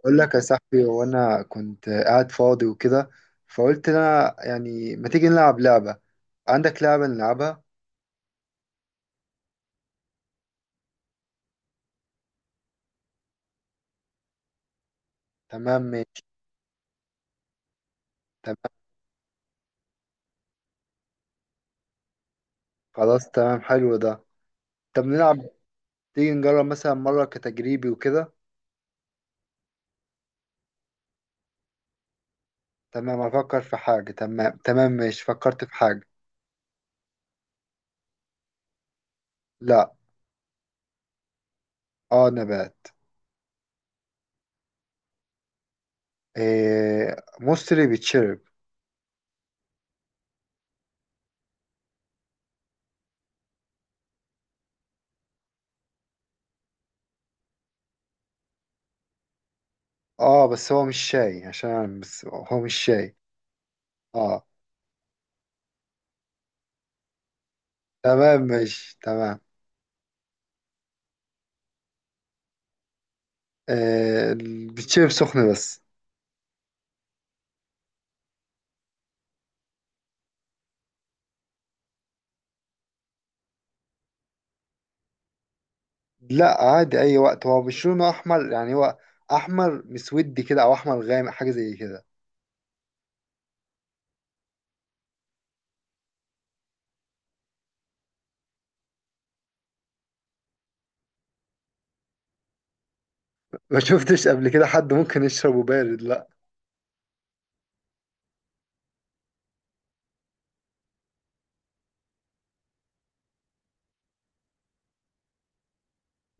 اقول لك يا صاحبي وانا كنت قاعد فاضي وكده، فقلت انا يعني ما تيجي نلعب لعبة؟ عندك لعبة نلعبها؟ تمام ماشي. تمام خلاص تمام حلو ده. طب نلعب، تيجي نجرب مثلا مرة كتجريبي وكده. تمام، افكر في حاجة. تمام ماشي، فكرت في حاجة. لا. اه نبات. إيه مصري بيتشرب. اه بس هو مش شاي عشان أنا، بس هو مش شاي اه تمام ماشي تمام. إيه بيتشرب سخن بس. لا عادي اي وقت. هو مش لونه احمر، يعني هو احمر مسودي كده او احمر غامق حاجه زي كده. ما شفتش قبل كده حد ممكن يشربه بارد، لا.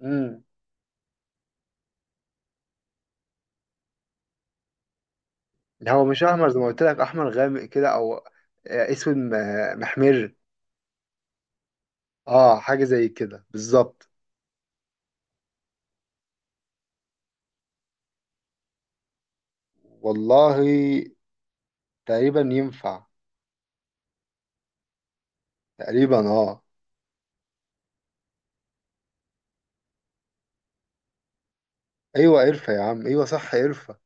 امم لا هو مش احمر زي ما قلت لك، احمر غامق كده او اسود محمر. اه حاجه زي كده بالظبط. والله تقريبا ينفع. تقريبا اه. ايوه قرفه يا عم، ايوه صح قرفه.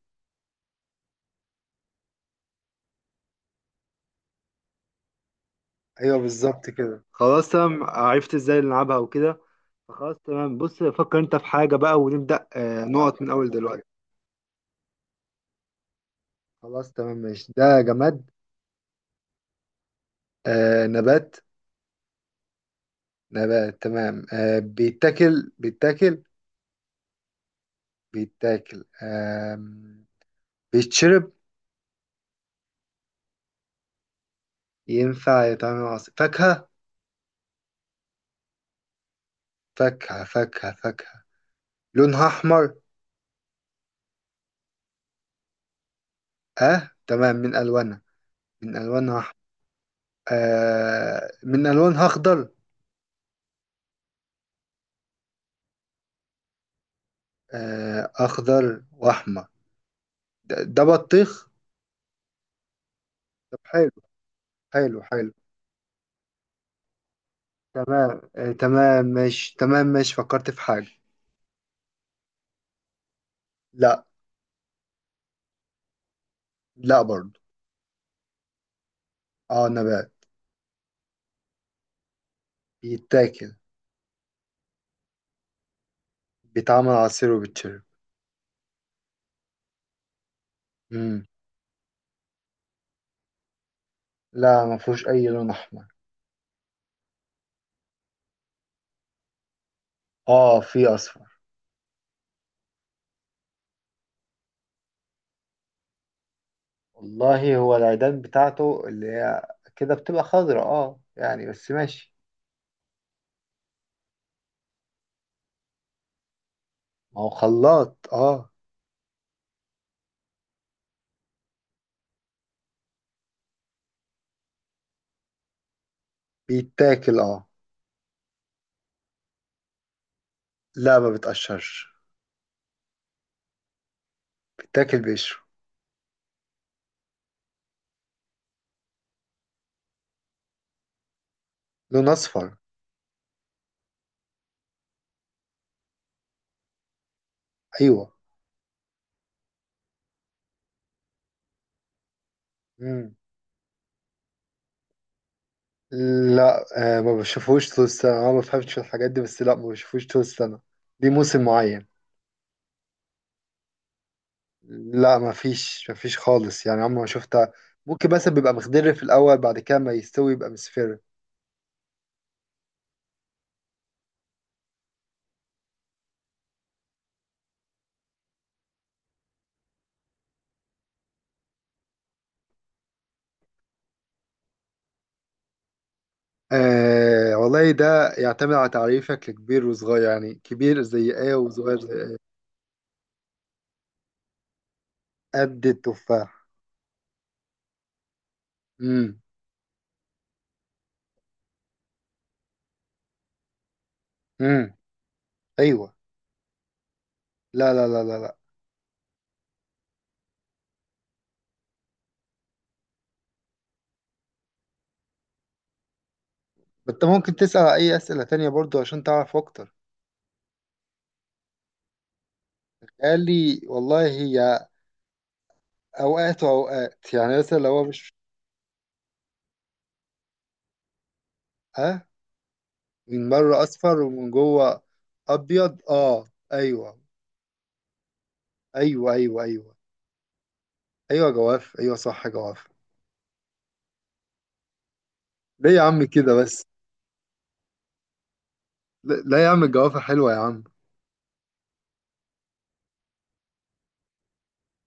ايوه بالظبط كده، خلاص تمام عرفت ازاي نلعبها وكده. فخلاص تمام، بص فكر انت في حاجه بقى ونبدا نقط من اول دلوقتي. خلاص تمام ماشي. ده جماد؟ آه نبات. نبات تمام. آه بيتاكل. بيتاكل بيتاكل آه. بيتشرب. ينفع يتعمل عصير فاكهة. فاكهة لونها أحمر. اه تمام من ألوانها. من ألوانها أحمر. آه من ألوانها أخضر. آه أخضر وأحمر. ده بطيخ. طب حلو. حلو حلو. تمام آه تمام ماشي. فكرت في حاجة. لا. لا برضه. اه نبات. بيتاكل. بيتعمل عصير وبيتشرب. امم لا ما فيهوش اي لون احمر. اه في اصفر. والله هو العيدان بتاعته اللي هي كده بتبقى خضراء اه يعني بس ماشي. ما هو خلاط اه. بيتاكل اه. لا ما بتقشرش. بيتاكل بقشره. لون اصفر. ايوه. امم لا. آه ما بشوفهوش طول السنه، انا ما بفهمش في الحاجات دي بس، لا ما بشوفهوش طول السنه، دي موسم معين. لا ما فيش، ما فيش خالص، يعني عمري ما شفتها. ممكن، بس بيبقى مخضر في الأول، بعد كده ما يستوي يبقى مصفر. آه والله ده يعتمد على تعريفك لكبير وصغير، يعني كبير زي ايه وصغير زي ايه. قد التفاح. امم امم. ايوه. لا لا لا لا لا. انت ممكن تسأل على اي أسئلة تانية برضو عشان تعرف اكتر. قال لي والله هي اوقات واوقات، يعني مثلا لو هو مش، ها؟ من بره اصفر ومن جوه. ابيض اه. ايوه ايوه ايوه. ايوه ايوه جواف، ايوه صح جواف. ليه يا عم كده بس. لا لا يا عم الجوافة حلوة يا عم.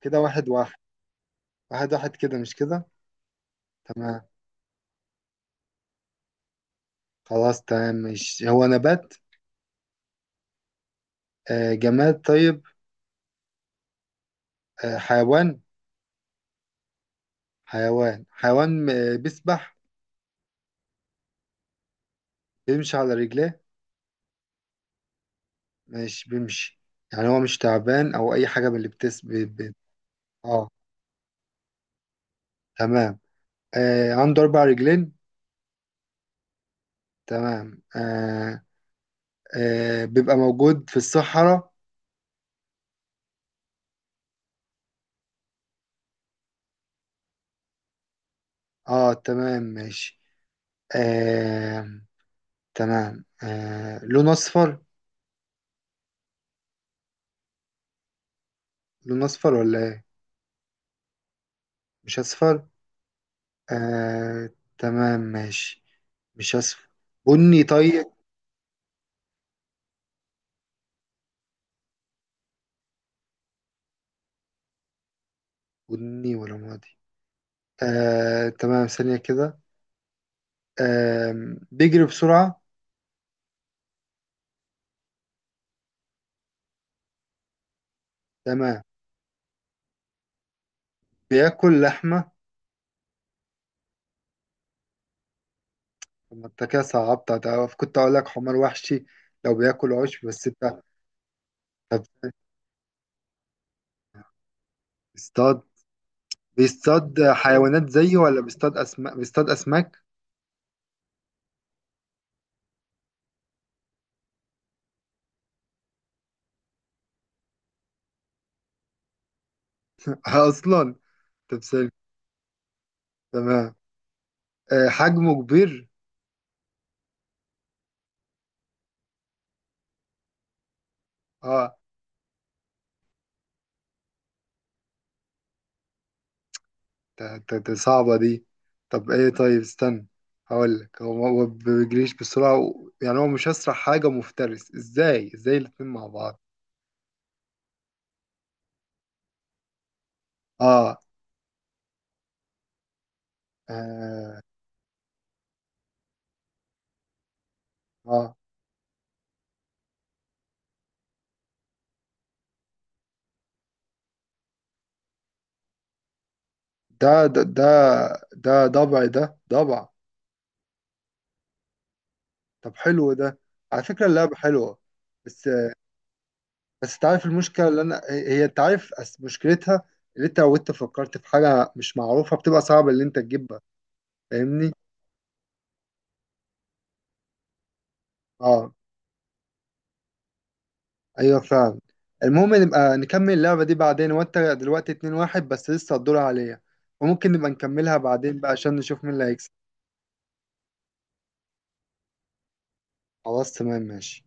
كده واحد واحد. واحد واحد كده مش كده. تمام. خلاص تمام. مش هو نبات؟ آه جماد؟ طيب آه حيوان. حيوان حيوان. آه بيسبح؟ بيمشي على رجليه. مش بيمشي. يعني هو مش تعبان او اي حاجة من اللي بتس اه تمام. آه عنده اربع رجلين. تمام آه. آه بيبقى موجود في الصحراء. اه تمام ماشي. آه تمام. آه لون اصفر؟ لون اصفر ولا ايه؟ مش اصفر. آه تمام ماشي. مش اصفر. بني طيب. بني ولا ماضي. آه تمام ثانية كده. آه بيجري بسرعة. تمام. بياكل لحمة. طب ما انت كده صعبت، ده كنت اقول لك حمار وحشي لو بياكل عشب بس، انت طب. بيصطاد؟ بيصطاد حيوانات زيه ولا بيصطاد اسماك؟ بيصطاد اسماك. اصلا. طب ثانية. تمام. آه حجمه كبير. اه. ده صعبة دي. طب ايه طيب استنى، هقولك هو ما هو بيجريش بسرعة يعني هو مش أسرع حاجة، مفترس ازاي، الاتنين مع بعض. اه اه, آه. ده ده ضبع، ده ضبع. طب حلو ده. على فكرة اللعبة حلوة بس. تعرف المشكلة اللي أنا هي، أنت عارف مشكلتها اللي أنت لو أنت فكرت في حاجة مش معروفة بتبقى صعب اللي أنت تجيبها. فاهمني؟ اه. ايوه فعلا. المهم نبقى نكمل اللعبة دي بعدين، وانت دلوقتي 2-1 بس، لسه الدور عليا، وممكن نبقى نكملها بعدين بقى عشان نشوف مين اللي هيكسب. خلاص تمام ماشي.